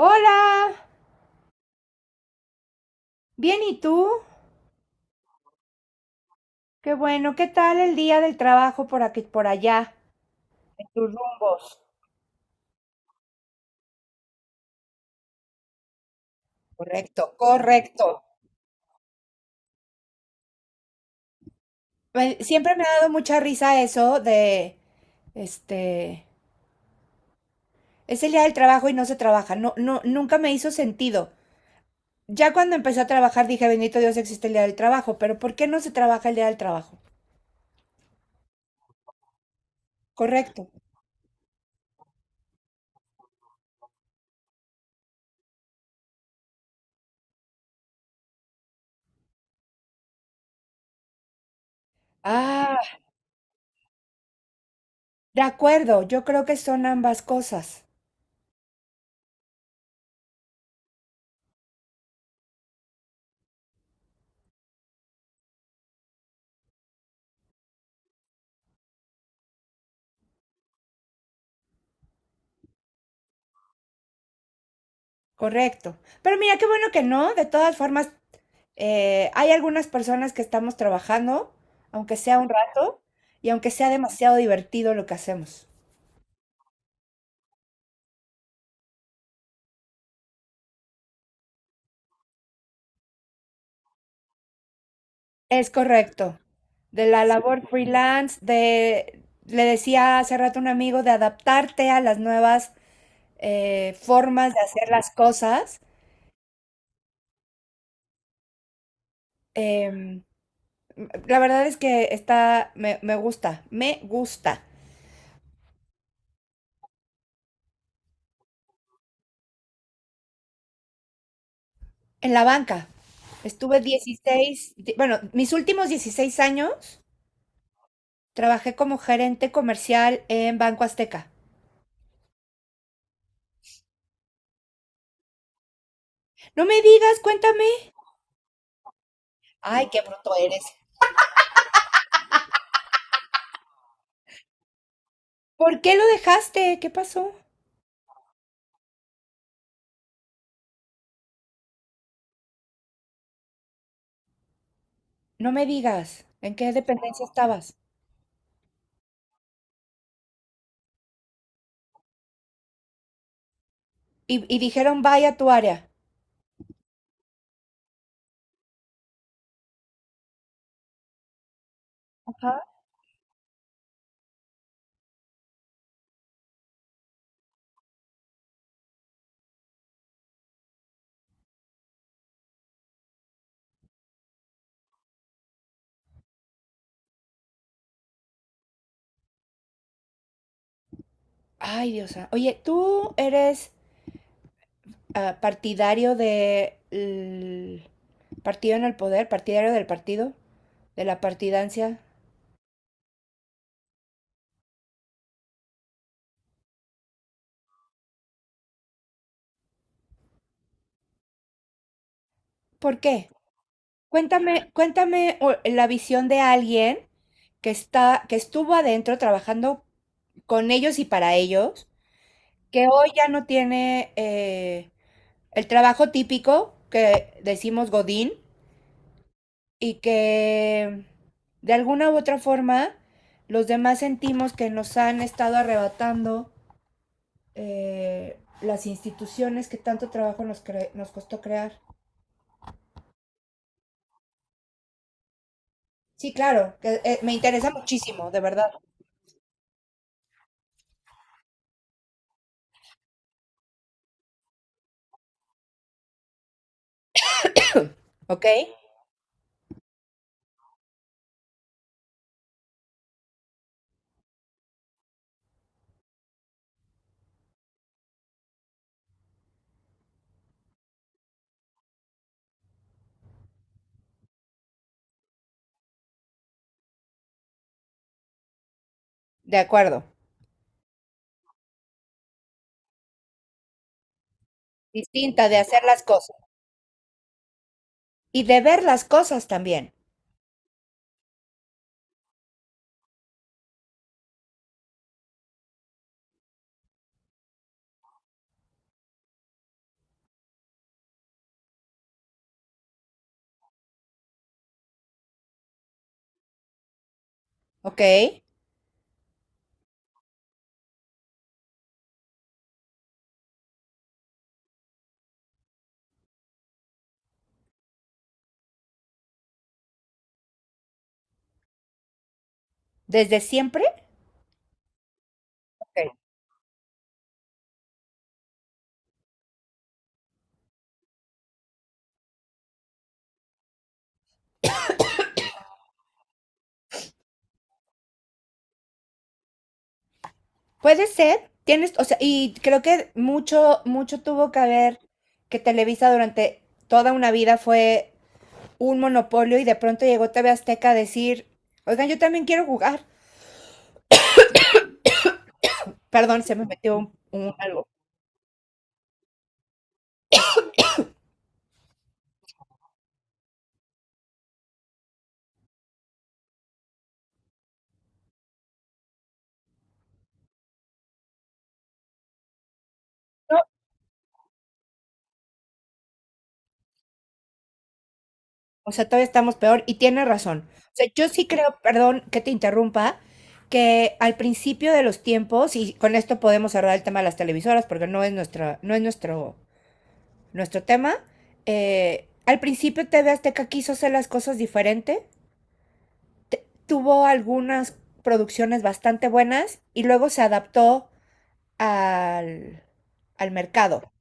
Hola. Bien, ¿y tú? Qué bueno, ¿qué tal el día del trabajo por aquí, por allá, en tus rumbos? Correcto, correcto. Siempre me ha dado mucha risa eso de, este, es el día del trabajo y no se trabaja. No, no, nunca me hizo sentido. Ya cuando empecé a trabajar dije, bendito Dios, existe el día del trabajo, pero ¿por qué no se trabaja el día del trabajo? Correcto. Ah, de acuerdo, yo creo que son ambas cosas. Correcto. Pero mira, qué bueno que no, de todas formas. Hay algunas personas que estamos trabajando, aunque sea un rato, y aunque sea demasiado divertido lo que hacemos. Es correcto. De la labor freelance, de, le decía hace rato a un amigo, de adaptarte a las nuevas formas de hacer las cosas. Em, la verdad es que está, me gusta, me gusta. En la banca, estuve 16. Bueno, mis últimos 16 años. Trabajé como gerente comercial en Banco Azteca. No me digas, cuéntame. Ay, qué bruto eres. ¿Por qué lo dejaste? ¿Qué pasó? No me digas. ¿En qué dependencia estabas? Y dijeron, vaya a tu área. Ajá. Ay, Dios santo. Oye, ¿tú eres partidario de partido en el poder, partidario del partido, de la partidancia? ¿Por qué? Cuéntame, cuéntame, la visión de alguien que está, que estuvo adentro trabajando con ellos y para ellos, que hoy ya no tiene el trabajo típico que decimos Godín y que de alguna u otra forma los demás sentimos que nos han estado arrebatando las instituciones que tanto trabajo nos costó crear. Sí, claro, que, me interesa muchísimo, de verdad. ¿Ok? De acuerdo. Distinta de hacer las cosas y de ver las cosas también. ¿Ok? Desde siempre. Ok. Puede ser, tienes, o sea, y creo que mucho, mucho tuvo que ver que Televisa durante toda una vida fue un monopolio y de pronto llegó TV Azteca a decir, oigan, yo también quiero jugar. Perdón, se me metió un algo. O sea, todavía estamos peor y tiene razón. O sea, yo sí creo, perdón que te interrumpa, que al principio de los tiempos, y con esto podemos cerrar el tema de las televisoras porque no es nuestra, no es nuestro tema. Al principio TV Azteca quiso hacer las cosas diferente, tuvo algunas producciones bastante buenas y luego se adaptó al, al mercado.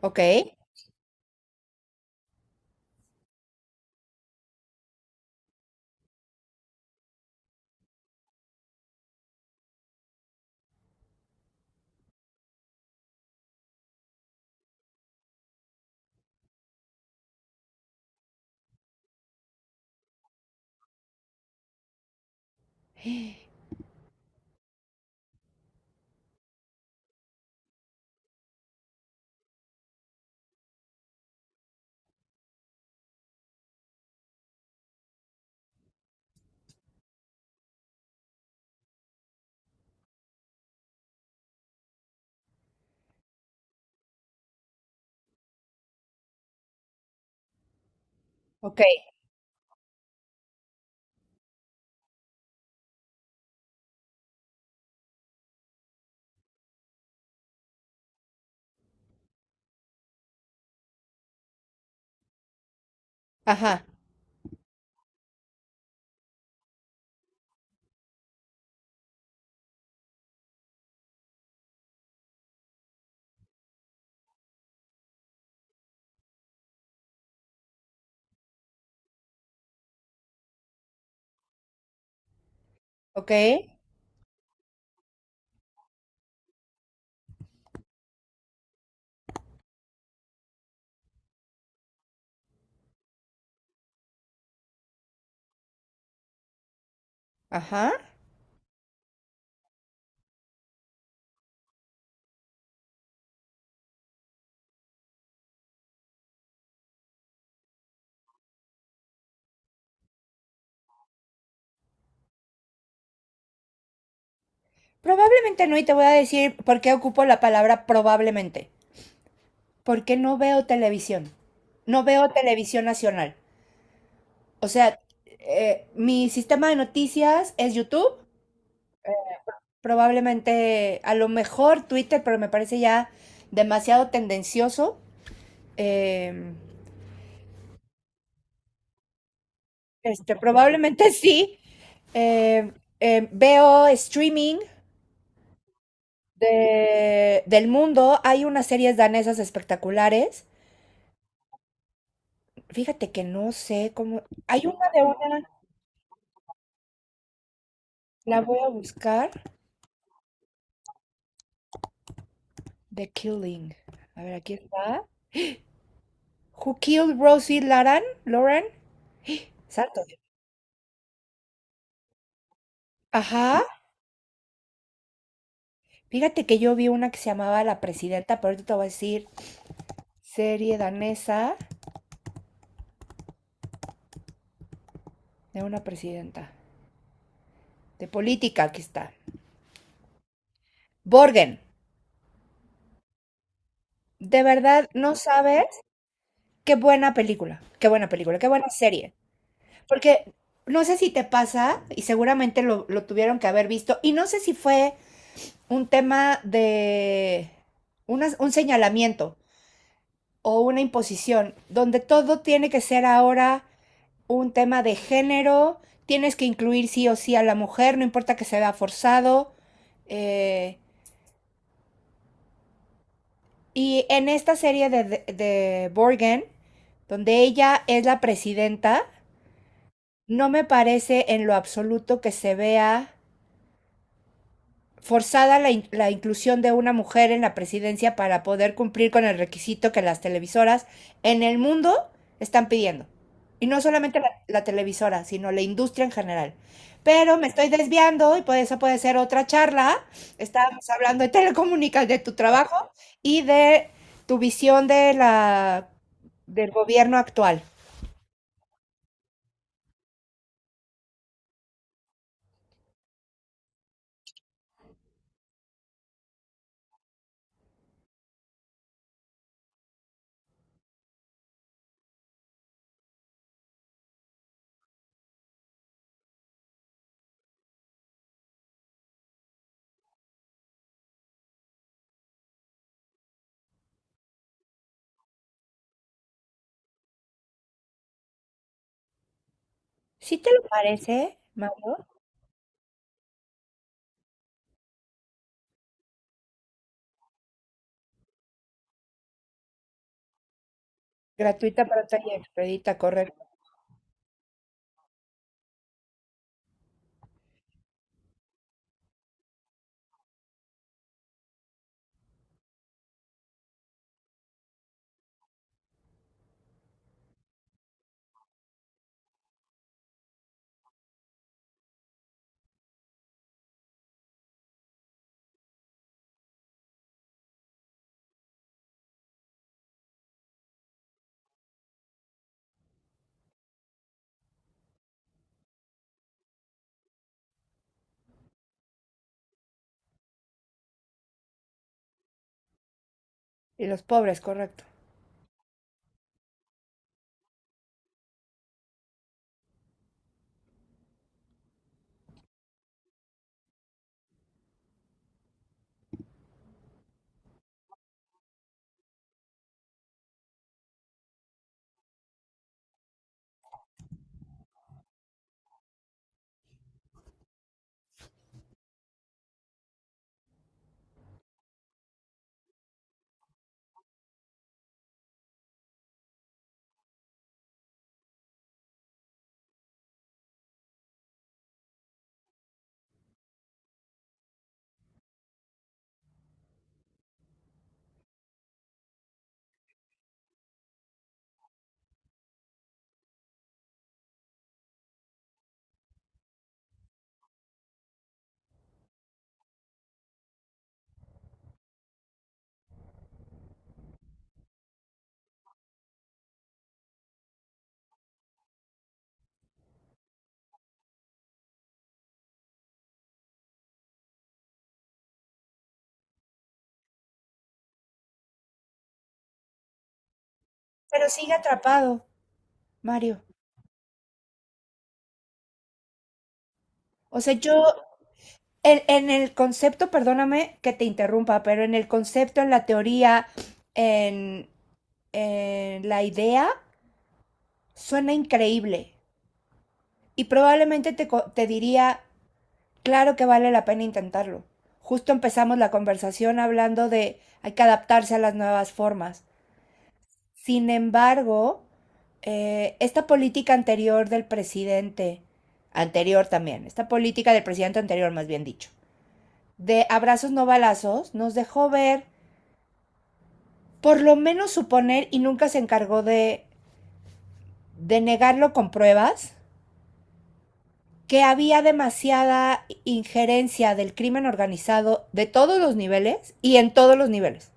¿Ok? Ok. Ajá. Ok. Ajá. Probablemente no, y te voy a decir por qué ocupo la palabra probablemente. Porque no veo televisión. No veo televisión nacional. O sea, mi sistema de noticias es YouTube. Probablemente, a lo mejor Twitter, pero me parece ya demasiado tendencioso. Eh, Probablemente sí. Eh, Veo streaming de, del mundo. Hay unas series danesas espectaculares. Fíjate que no sé cómo. Hay una de una, la voy a buscar. The Killing. A ver, aquí está. Who Killed Rosie Laran? Lauren? Santo. Ajá. Fíjate que yo vi una que se llamaba La Presidenta, pero ahorita te voy a decir, serie danesa de una presidenta, de política, aquí está. Borgen, de verdad no sabes qué buena película, qué buena película, qué buena serie. Porque no sé si te pasa, y seguramente lo tuvieron que haber visto, y no sé si fue un tema de un señalamiento o una imposición, donde todo tiene que ser ahora un tema de género, tienes que incluir sí o sí a la mujer, no importa que se vea forzado. eh, y en esta serie de Borgen, donde ella es la presidenta, no me parece en lo absoluto que se vea forzada la inclusión de una mujer en la presidencia para poder cumplir con el requisito que las televisoras en el mundo están pidiendo. Y no solamente la televisora, sino la industria en general. Pero me estoy desviando y por eso puede ser otra charla. Estábamos hablando de telecomunicaciones, de tu trabajo y de tu visión del gobierno actual. ¿Sí te lo parece, Mauro? Gratuita, pronta y expedita, correcto. Y los pobres, correcto. Pero sigue atrapado, Mario. O sea, yo, en el concepto, perdóname que te interrumpa, pero en el concepto, en la teoría, en, en la idea, suena increíble. Y probablemente te diría, claro que vale la pena intentarlo. Justo empezamos la conversación hablando de hay que adaptarse a las nuevas formas. Sin embargo, esta política anterior del presidente, anterior también, esta política del presidente anterior, más bien dicho, de abrazos no balazos, nos dejó ver, por lo menos suponer, y nunca se encargó de, negarlo con pruebas, que había demasiada injerencia del crimen organizado de todos los niveles y en todos los niveles.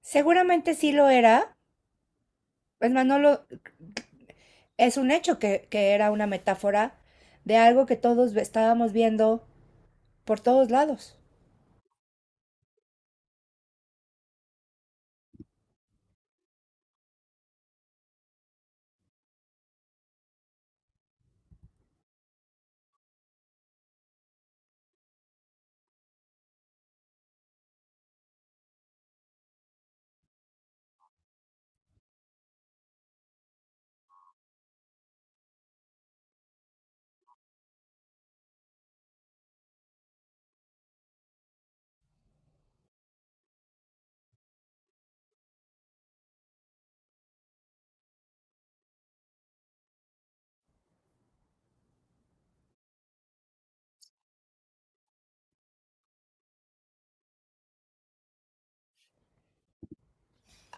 Seguramente sí lo era, es manolo, es un hecho que, era una metáfora de algo que todos estábamos viendo por todos lados.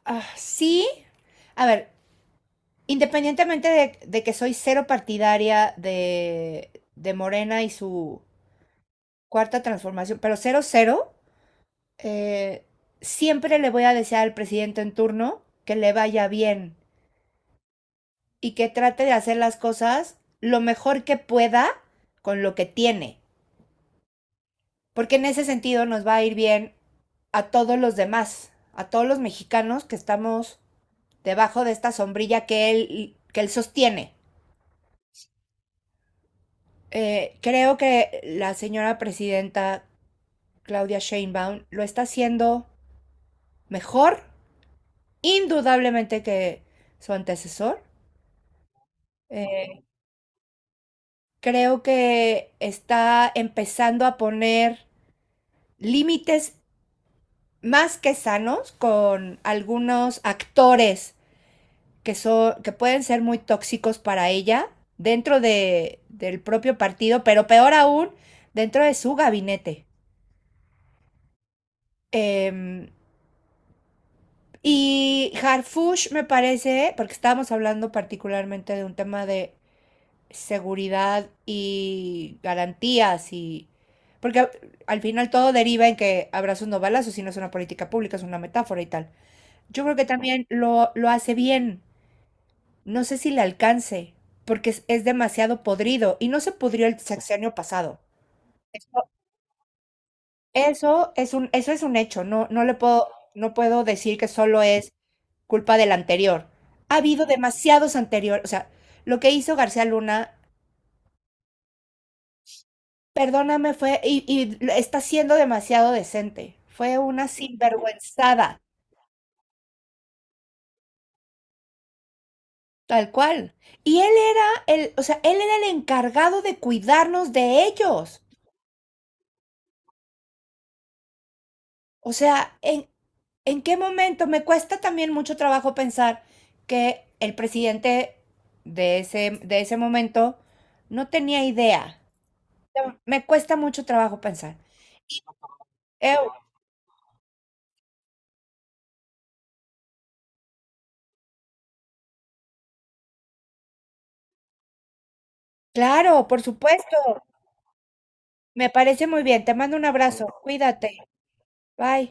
Ah, sí, a ver, independientemente de, que soy cero partidaria de Morena y su cuarta transformación, pero cero cero, eh, siempre le voy a desear al presidente en turno que le vaya bien y que trate de hacer las cosas lo mejor que pueda con lo que tiene, porque en ese sentido nos va a ir bien a todos los demás, a todos los mexicanos que estamos debajo de esta sombrilla que él sostiene. Creo que la señora presidenta Claudia Sheinbaum lo está haciendo mejor, indudablemente que su antecesor. Eh, creo que está empezando a poner límites más que sanos con algunos actores que, son, que pueden ser muy tóxicos para ella dentro del propio partido, pero peor aún, dentro de su gabinete. Eh, Y Harfush, me parece, porque estábamos hablando particularmente de un tema de seguridad y garantías, y porque al final todo deriva en que abrazos no balazos, si no es una política pública, es una metáfora y tal. Yo creo que también lo hace bien. No sé si le alcance, porque es demasiado podrido y no se pudrió el sexenio pasado. Eso es un hecho. No, no puedo decir que solo es culpa del anterior. Ha habido demasiados anteriores. O sea, lo que hizo García Luna, perdóname, fue. Y está siendo demasiado decente. Fue una sinvergüenzada. Tal cual. Y él era o sea, él era el encargado de cuidarnos de ellos. O sea, ¿en qué momento? Me cuesta también mucho trabajo pensar que el presidente de ese, momento no tenía idea. Me cuesta mucho trabajo pensar. Y, Claro, por supuesto. Me parece muy bien. Te mando un abrazo. Cuídate. Bye.